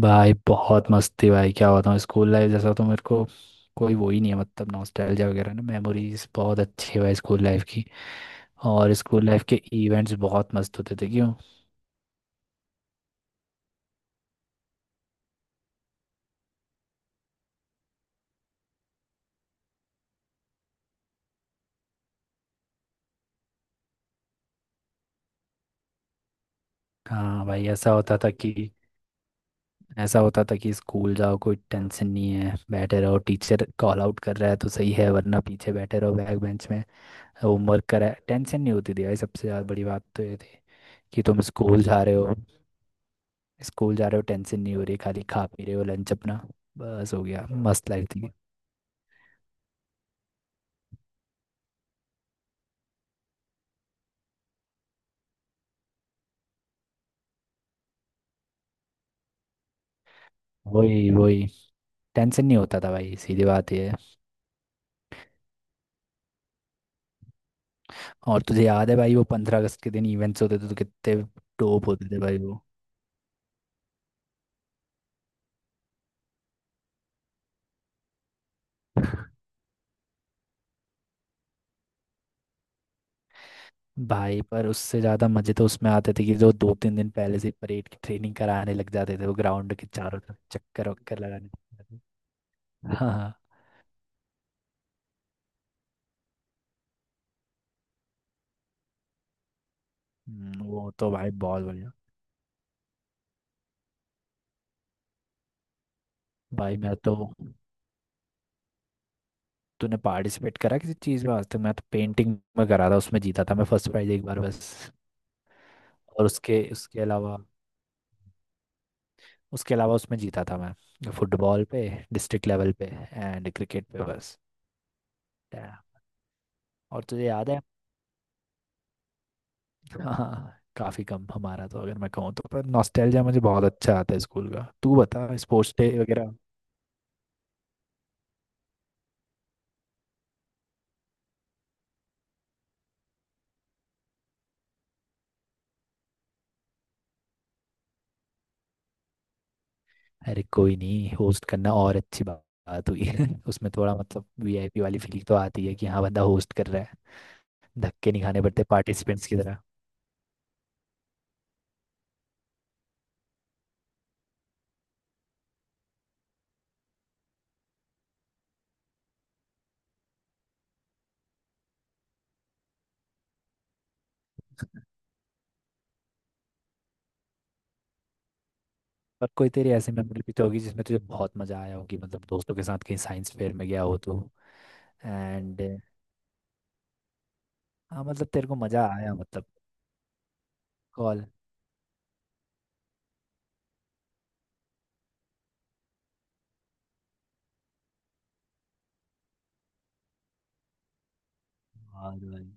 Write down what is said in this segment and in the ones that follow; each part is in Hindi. भाई बहुत मस्ती। भाई क्या बताऊँ, स्कूल लाइफ जैसा तो मेरे को कोई वो ही नहीं है। मतलब नॉस्टैल्जिया वगैरह ना, मेमोरीज बहुत अच्छी है भाई स्कूल लाइफ की। और स्कूल लाइफ के इवेंट्स बहुत मस्त होते थे, क्यों। हाँ भाई, ऐसा होता था कि स्कूल जाओ कोई टेंशन नहीं है, बैठे रहो। टीचर कॉल आउट कर रहा है तो सही है, वरना पीछे बैठे रहो बैक बेंच में। होमवर्क करा है, टेंशन नहीं होती थी भाई। सबसे ज़्यादा बड़ी बात तो ये थी कि तुम स्कूल जा रहे हो, टेंशन नहीं हो रही, खाली खा पी रहे हो लंच अपना, बस हो गया। मस्त लाइफ थी। वही वही, टेंशन नहीं होता था भाई, सीधी बात ये है। और तुझे याद है भाई वो 15 अगस्त के दिन इवेंट्स होते थे तो कितने टोप होते थे भाई वो। भाई पर उससे ज़्यादा मज़े तो उसमें आते थे कि जो दो तीन दिन पहले से परेड की ट्रेनिंग कराने लग जाते थे, वो ग्राउंड के चारों तरफ चक्कर वक्कर लगाने लग जाते थे। हाँ हाँ, वो तो भाई बहुत बढ़िया। भाई मैं तो तूने पार्टिसिपेट करा किसी चीज़ में आज तक? मैं तो पेंटिंग में करा था, उसमें जीता था मैं फर्स्ट प्राइज एक बार बस। और उसके उसके अलावा उसमें जीता था मैं फुटबॉल पे डिस्ट्रिक्ट लेवल पे एंड क्रिकेट पे बस। Yeah. और तुझे याद है, हाँ काफ़ी कम हमारा तो, अगर मैं कहूँ तो। पर नॉस्टैल्जिया मुझे बहुत अच्छा आता है स्कूल का। तू बता स्पोर्ट्स डे वगैरह। अरे कोई नहीं, होस्ट करना और अच्छी बात हुई। उसमें थोड़ा मतलब वीआईपी वाली फीलिंग तो आती है कि हाँ बंदा होस्ट कर रहा है, धक्के नहीं खाने पड़ते पार्टिसिपेंट्स की तरह। और कोई तेरी ऐसी मेमोरी भी तो होगी जिसमें तुझे बहुत मजा आया होगी, मतलब दोस्तों के साथ कहीं साइंस फेयर में गया हो तो। एंड हाँ, मतलब तेरे को मजा आया मतलब। कॉल। और भाई,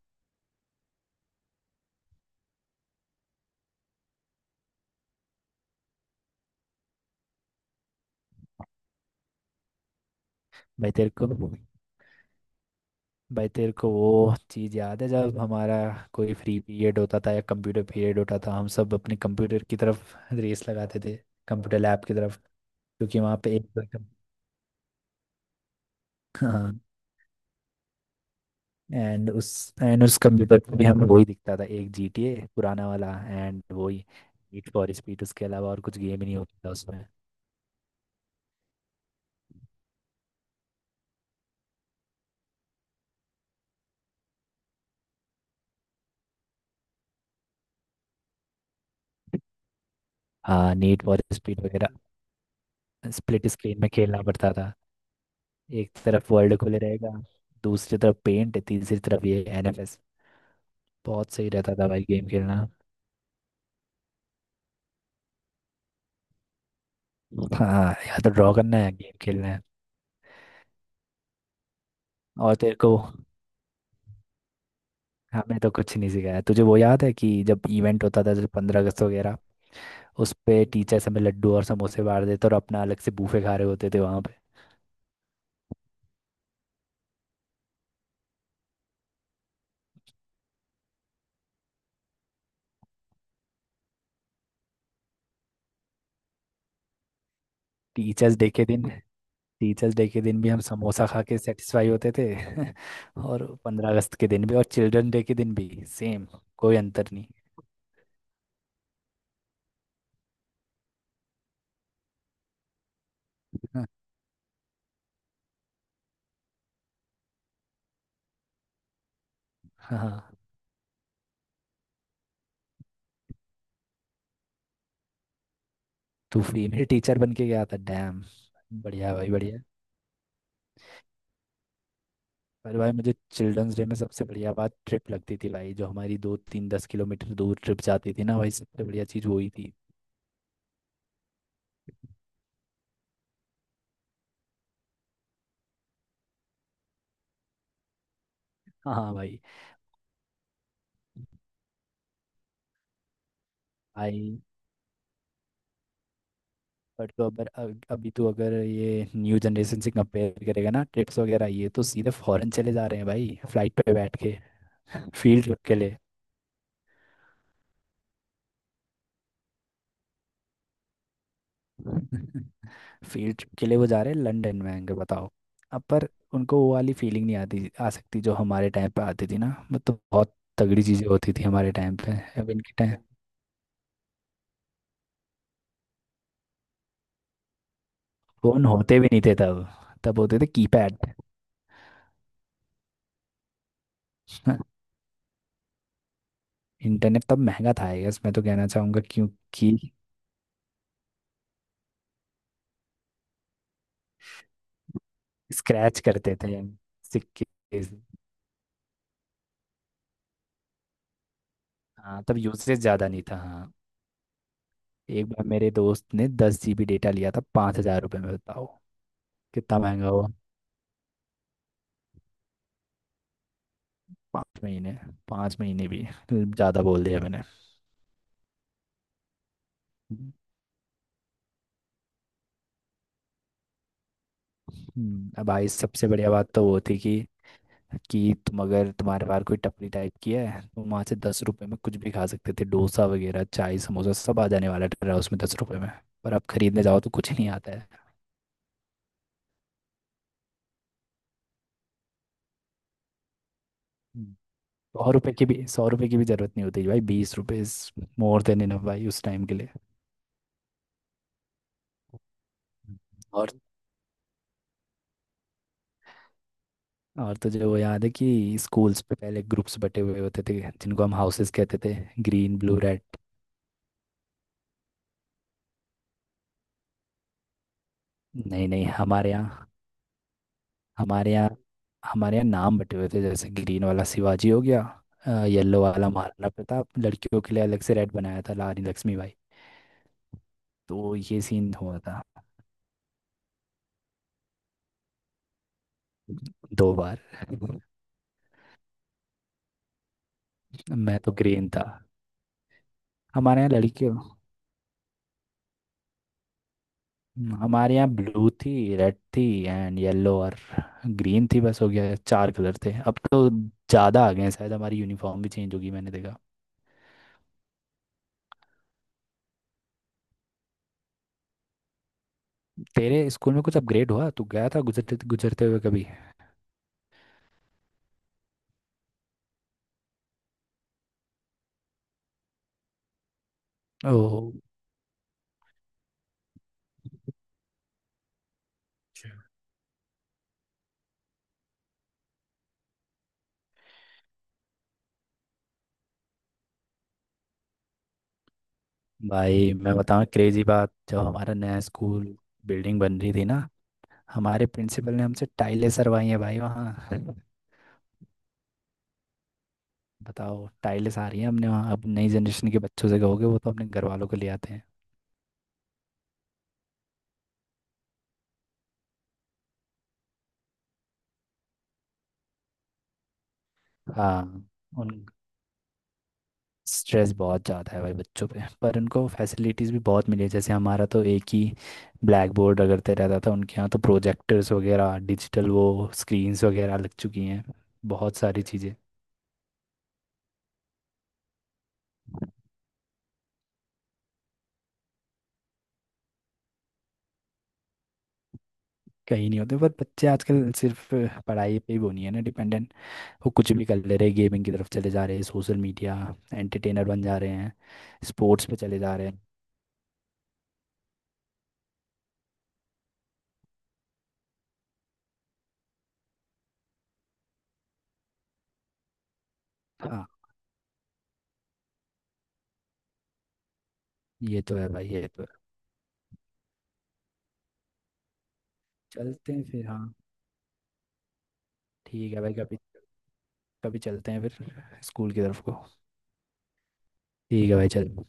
भाई तेरे को भाई तेरे को वो चीज़ याद है जब हमारा कोई फ्री पीरियड होता था या कंप्यूटर पीरियड होता था, हम सब अपने कंप्यूटर की तरफ रेस लगाते थे, कंप्यूटर लैब की तरफ। क्योंकि वहाँ पे एक। हाँ। एंड उस एंड उस कंप्यूटर पे भी हमें वही दिखता था, एक GTA पुराना वाला एंड वही नीड फॉर स्पीड। उसके अलावा और कुछ गेम ही नहीं होता था उसमें। हाँ नीड फॉर स्पीड वगैरह। स्प्लिट स्क्रीन में खेलना पड़ता था। एक तरफ वर्ल्ड खुले रहेगा, दूसरी तरफ पेंट, तीसरी तरफ ये एनएफएस। बहुत सही रहता था भाई गेम खेलना। हाँ या तो ड्रॉ करना है या गेम खेलना है। और तेरे को हमें तो कुछ नहीं सिखाया। तुझे वो याद है कि जब इवेंट होता था, जैसे 15 अगस्त वगैरह, उस पे टीचर्स हमें लड्डू और समोसे बांट देते और अपना अलग से बूफे खा रहे होते थे वहाँ पे। टीचर्स डे के दिन टीचर्स डे के दिन भी हम समोसा खा के सेटिस्फाई होते थे। और 15 अगस्त के दिन भी और चिल्ड्रन डे के दिन भी सेम, कोई अंतर नहीं। हाँ हाँ। तू फीमेल टीचर बन के गया था? डैम, बढ़िया भाई बढ़िया। पर भाई मुझे चिल्ड्रंस डे में सबसे बढ़िया बात ट्रिप लगती थी भाई, जो हमारी दो तीन 10 किलोमीटर दूर ट्रिप जाती थी ना भाई, सबसे बढ़िया चीज़ वही थी। हाँ हाँ भाई। आई बट तो अगर अग- अभी तो अगर ये न्यू जनरेशन से कंपेयर करेगा ना ट्रिप्स वगैरह, ये तो सीधे फॉरेन चले जा रहे हैं भाई फ्लाइट पे बैठ के। फील्ड ट्रिप के लिए। फील्ड ट्रिप के लिए वो जा रहे हैं लंदन में, आएंगे बताओ। अब पर उनको वो वाली फीलिंग नहीं आती, आ सकती जो हमारे टाइम पे आती थी ना। वो तो बहुत तगड़ी चीज़ें होती थी हमारे टाइम पे। अब इनके टाइम फोन होते भी नहीं थे तब। तब होते थे कीपैड। इंटरनेट तब महंगा था आई गेस, मैं तो कहना चाहूंगा क्योंकि स्क्रैच करते थे हम सिक्के। हाँ तब यूसेज ज़्यादा नहीं था हाँ। एक बार मेरे दोस्त ने 10 जीबी डेटा लिया था 5,000 रुपये में, बताओ कितना महंगा हुआ। 5 महीने, 5 महीने भी ज़्यादा बोल दिया मैंने। अब भाई सबसे बढ़िया बात तो वो थी कि कि तुम अगर तुम्हारे पास कोई टपरी टाइप की है, तुम वहाँ से 10 रुपये में कुछ भी खा सकते थे। डोसा वगैरह चाय समोसा सब आ जाने वाला था उसमें 10 रुपये में। पर अब खरीदने जाओ तो कुछ नहीं आता है। हम्म, सौ रुपये की भी ज़रूरत नहीं होती भाई, 20 रुपये इज मोर देन इनफ भाई उस टाइम के लिए। हम्म। और और तुझे वो याद है कि स्कूल्स पे पहले ग्रुप्स बटे हुए होते थे जिनको हम हाउसेस कहते थे, ग्रीन ब्लू रेड। नहीं नहीं, हमारे यहाँ हमारे यहाँ नाम बटे हुए थे। जैसे ग्रीन वाला शिवाजी हो गया, येलो वाला महाराणा प्रताप, लड़कियों के लिए अलग से रेड बनाया था रानी लक्ष्मीबाई। तो ये सीन हुआ था। दो बार। मैं तो ग्रीन था। हमारे यहाँ लड़कियों, हमारे यहाँ ब्लू थी रेड थी एंड येलो और ग्रीन थी, बस हो गया चार कलर थे। अब तो ज़्यादा आ गए हैं शायद, हमारी यूनिफॉर्म भी चेंज होगी मैंने देखा। तेरे स्कूल में कुछ अपग्रेड हुआ? तू गया था गुजरते गुजरते हुए कभी? ओ भाई मैं बताऊँ क्रेजी बात, जब हमारा नया स्कूल बिल्डिंग बन रही थी ना, हमारे प्रिंसिपल ने हमसे टाइलें सरवाई हैं भाई वहाँ। बताओ टाइलें आ रही हैं हमने वहाँ, अब नई जनरेशन के बच्चों से कहोगे वो तो अपने घर वालों को ले आते हैं। हाँ उन स्ट्रेस बहुत ज़्यादा है भाई बच्चों पे, पर उनको फैसिलिटीज़ भी बहुत मिली है। जैसे हमारा तो एक ही ब्लैक बोर्ड रगड़ते रहता था, उनके यहाँ तो प्रोजेक्टर्स वगैरह डिजिटल वो स्क्रीन्स वगैरह लग चुकी हैं। बहुत सारी चीज़ें कहीं नहीं होते, पर बच्चे आजकल सिर्फ पढ़ाई पे ही वो नहीं है ना डिपेंडेंट, वो कुछ भी कर ले रहे हैं। गेमिंग की तरफ चले जा रहे हैं, सोशल मीडिया एंटरटेनर बन जा रहे हैं, स्पोर्ट्स पे चले जा रहे हैं। हाँ ये तो है भाई, ये तो है। चलते हैं फिर हाँ। ठीक है भाई, कभी कभी चलते हैं फिर स्कूल की तरफ को। ठीक है भाई चल।